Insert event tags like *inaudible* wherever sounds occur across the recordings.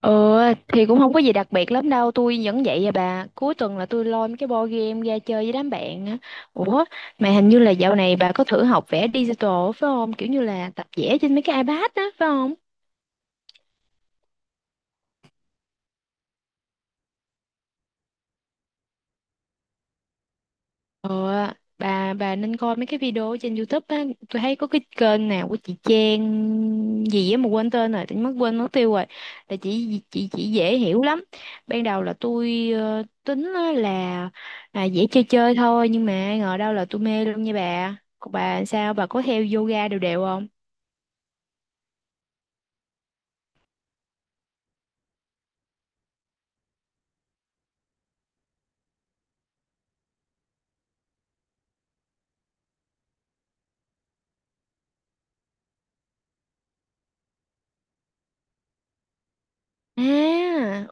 Ờ thì cũng không có gì đặc biệt lắm đâu. Tôi vẫn vậy à bà. Cuối tuần là tôi lôi mấy cái board game ra chơi với đám bạn á. Ủa mà hình như là dạo này bà có thử học vẽ digital á, phải không? Kiểu như là tập vẽ trên mấy cái iPad á phải không? Ờ, bà nên coi mấy cái video trên YouTube á, tôi thấy có cái kênh nào của chị Trang gì á mà quên tên rồi, tự nhiên mất quên mất tiêu rồi. Là chị dễ hiểu lắm. Ban đầu là tôi tính á là à, dễ chơi chơi thôi nhưng mà ai ngờ đâu là tôi mê luôn nha bà. Còn bà sao bà có theo yoga đều đều không? À,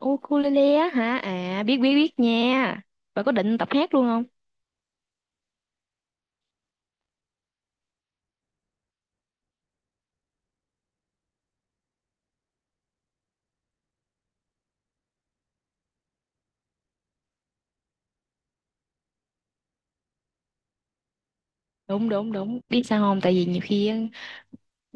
ukulele á hả? À biết biết biết nha. Bà có định tập hát luôn không? Đúng đúng đúng biết sao không, tại vì nhiều khi á,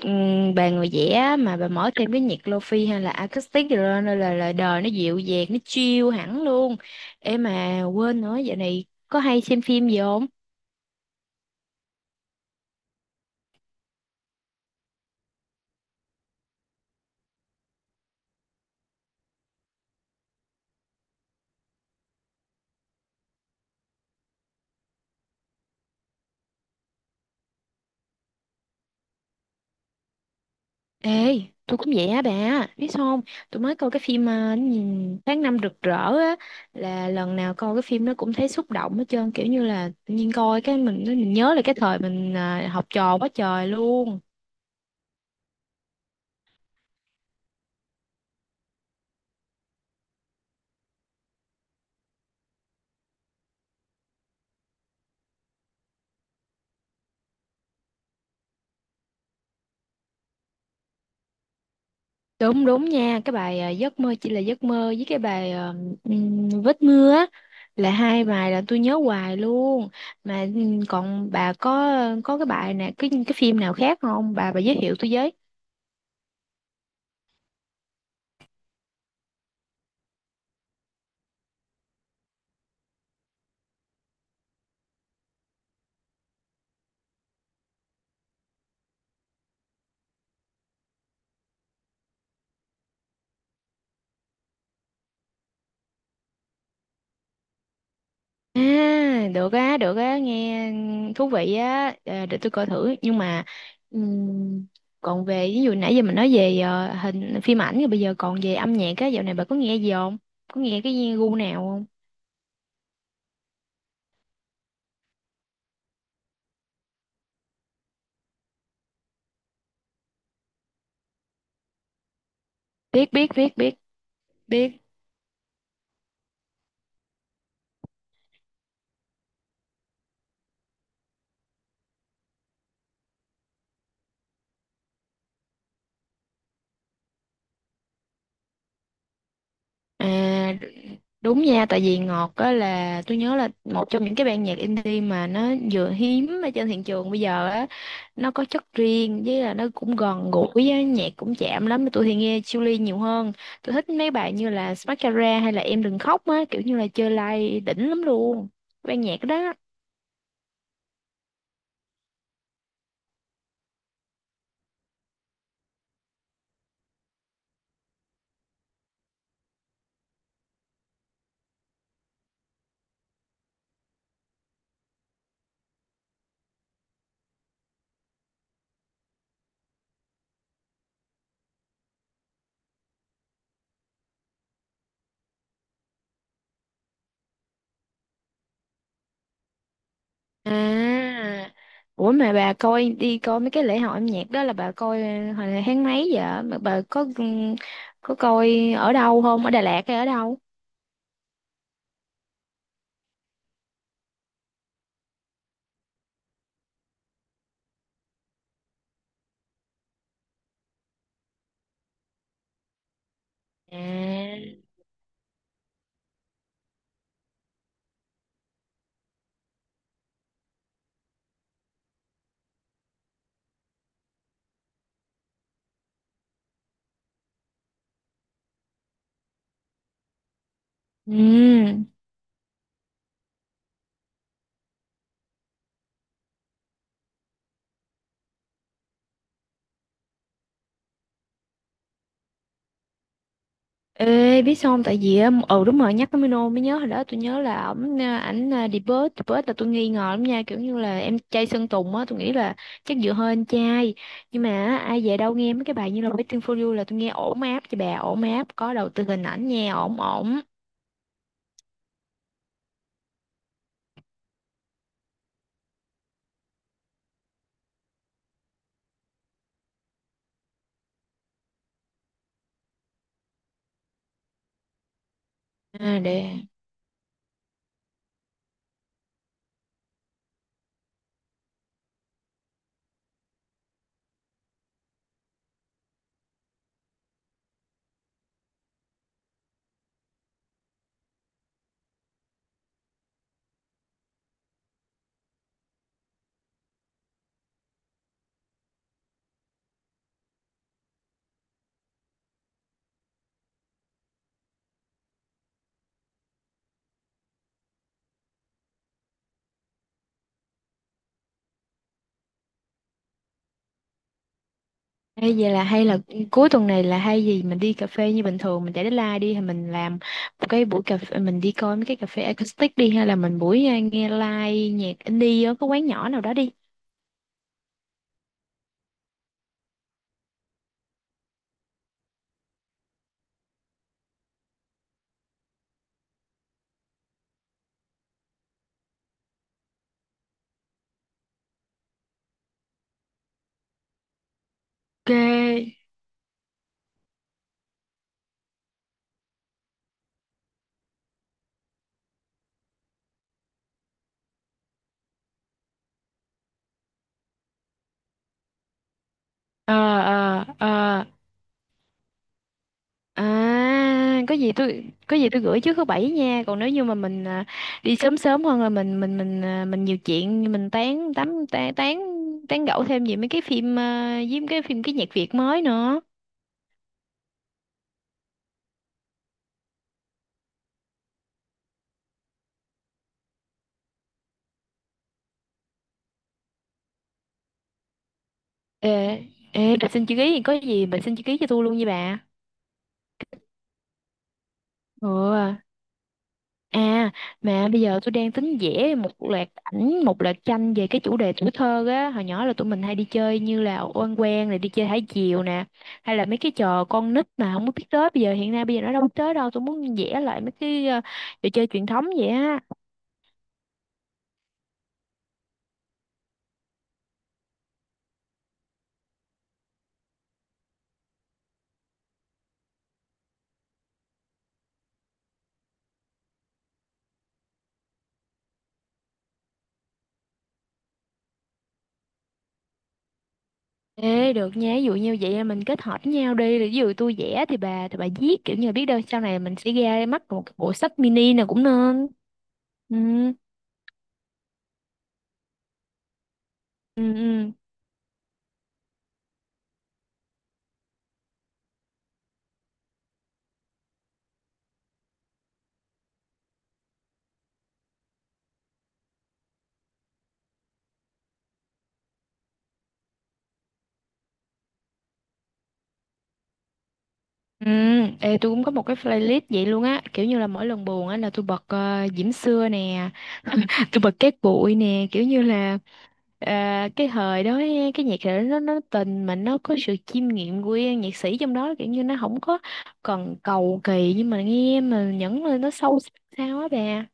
bà người vẽ mà bà mở thêm cái nhạc lofi hay là acoustic rồi lên nên là lời đời nó dịu dàng nó chill hẳn luôn. Em mà quên nữa, dạo này có hay xem phim gì không? Ê, tôi cũng vậy á bà, biết sao không, tôi mới coi cái phim nhìn tháng năm rực rỡ á, là lần nào coi cái phim nó cũng thấy xúc động hết trơn, kiểu như là tự nhiên coi cái mình nhớ là cái thời mình học trò quá trời luôn. Đúng đúng nha, cái bài giấc mơ chỉ là giấc mơ với cái bài vết mưa á là hai bài là tôi nhớ hoài luôn. Mà còn bà có cái bài nè, cái phim nào khác không? Bà giới thiệu tôi với. À, được á, nghe thú vị á. Ờ, để tôi coi thử. Nhưng mà ừm, còn về ví dụ nãy giờ mình nói về hình phim ảnh rồi bây giờ còn về âm nhạc á, dạo này bà có nghe gì không? Có nghe cái gu nào không? Biết biết biết biết biết. À, đúng nha, tại vì Ngọt á là tôi nhớ là một trong những cái ban nhạc indie mà nó vừa hiếm ở trên thị trường bây giờ á, nó có chất riêng với là nó cũng gần gũi á, nhạc cũng chạm lắm. Tôi thì nghe Chillies nhiều hơn. Tôi thích mấy bài như là Mascara hay là Em Đừng Khóc á, kiểu như là chơi live đỉnh lắm luôn. Ban nhạc đó. À, mà bà coi đi coi mấy cái lễ hội âm nhạc đó là bà coi hồi tháng mấy vậy? Mà bà có coi ở đâu không? Ở Đà Lạt hay ở đâu? À. Ừ. Ê, biết sao không? Tại vì á, ừ đúng rồi, nhắc tới Mino mới nhớ hồi đó tôi nhớ là ổng à, ảnh à, debut là tôi nghi ngờ lắm nha, kiểu như là em trai Sơn Tùng á, tôi nghĩ là chắc dựa hơi anh trai. Nhưng mà á, ai về đâu nghe mấy cái bài như là Waiting for You là tôi nghe ổn áp cho bà, ổn áp có đầu tư hình ảnh nha, ổn ổn. À, để ê, vậy là hay là cuối tuần này là hay gì mình đi cà phê như bình thường mình chạy deadline đi thì mình làm một cái buổi cà phê mình đi coi mấy cái cà phê acoustic đi hay là mình buổi à, nghe live nhạc indie ở cái quán nhỏ nào đó đi. Ok. ờ ờ ờ có gì tôi có gì tôi gửi trước thứ bảy nha, còn nếu như mà mình à, đi sớm sớm hơn là mình à, mình nhiều chuyện mình tán tán tán tán tán gẫu thêm về mấy cái phim à, với mấy cái phim cái nhạc Việt mới nữa. Ê, Ê, bà *laughs* xin chữ ký thì có gì bà xin chữ ký cho tôi luôn nha bà. Ừ. À, mà bây giờ tôi đang tính vẽ một loạt ảnh, một loạt tranh về cái chủ đề tuổi thơ á. Hồi nhỏ là tụi mình hay đi chơi như là oan quen rồi đi chơi thả diều nè, hay là mấy cái trò con nít mà không có biết tới bây giờ hiện nay bây giờ nó đâu biết tới đâu. Tôi muốn vẽ lại mấy cái trò chơi truyền thống vậy á. Ê, được nha, ví dụ như vậy là mình kết hợp với nhau đi, rồi ví dụ tôi vẽ thì bà viết kiểu như là biết đâu sau này mình sẽ ra mắt một cái bộ sách mini nào cũng nên. Ừ, ừ. Ừ, ê, tôi cũng có một cái playlist vậy luôn á, kiểu như là mỗi lần buồn á là tôi bật Diễm Xưa nè, *laughs* tôi bật Cát Bụi nè, kiểu như là ờ, cái thời đó á, cái nhạc đó nó tình mà nó có sự chiêm nghiệm của nhạc sĩ trong đó kiểu như nó không có còn cầu kỳ nhưng mà nghe mà nhẫn lên nó sâu sắc sao á bà.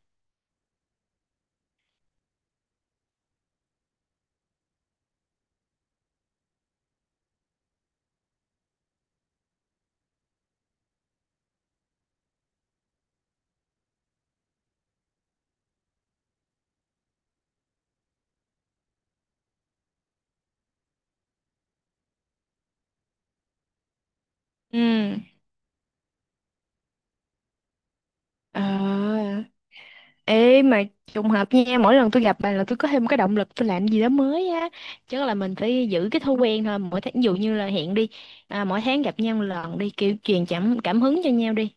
Ừ. À, ê mà trùng hợp nha, mỗi lần tôi gặp bà là tôi có thêm cái động lực tôi làm gì đó mới á. Chắc là mình phải giữ cái thói quen thôi, mỗi tháng ví dụ như là hẹn đi, à, mỗi tháng gặp nhau một lần đi, kiểu truyền cảm cảm hứng cho nhau đi.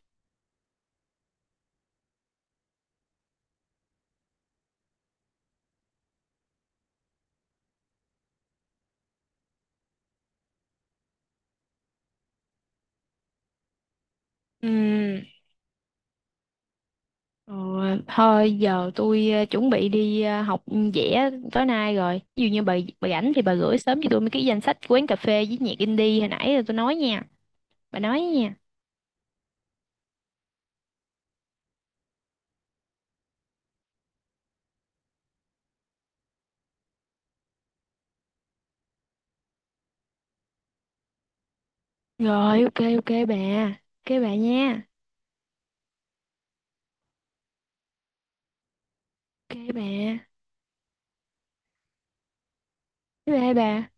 Ừ, ờ, thôi giờ tôi chuẩn bị đi học vẽ tối nay rồi. Ví dụ như bà rảnh thì bà gửi sớm cho tôi mấy cái danh sách quán cà phê với nhạc indie hồi nãy rồi tôi nói nha. Bà nói nha. Rồi ok ok bà. Ok bà nha. Ok bà. Bye bye bà.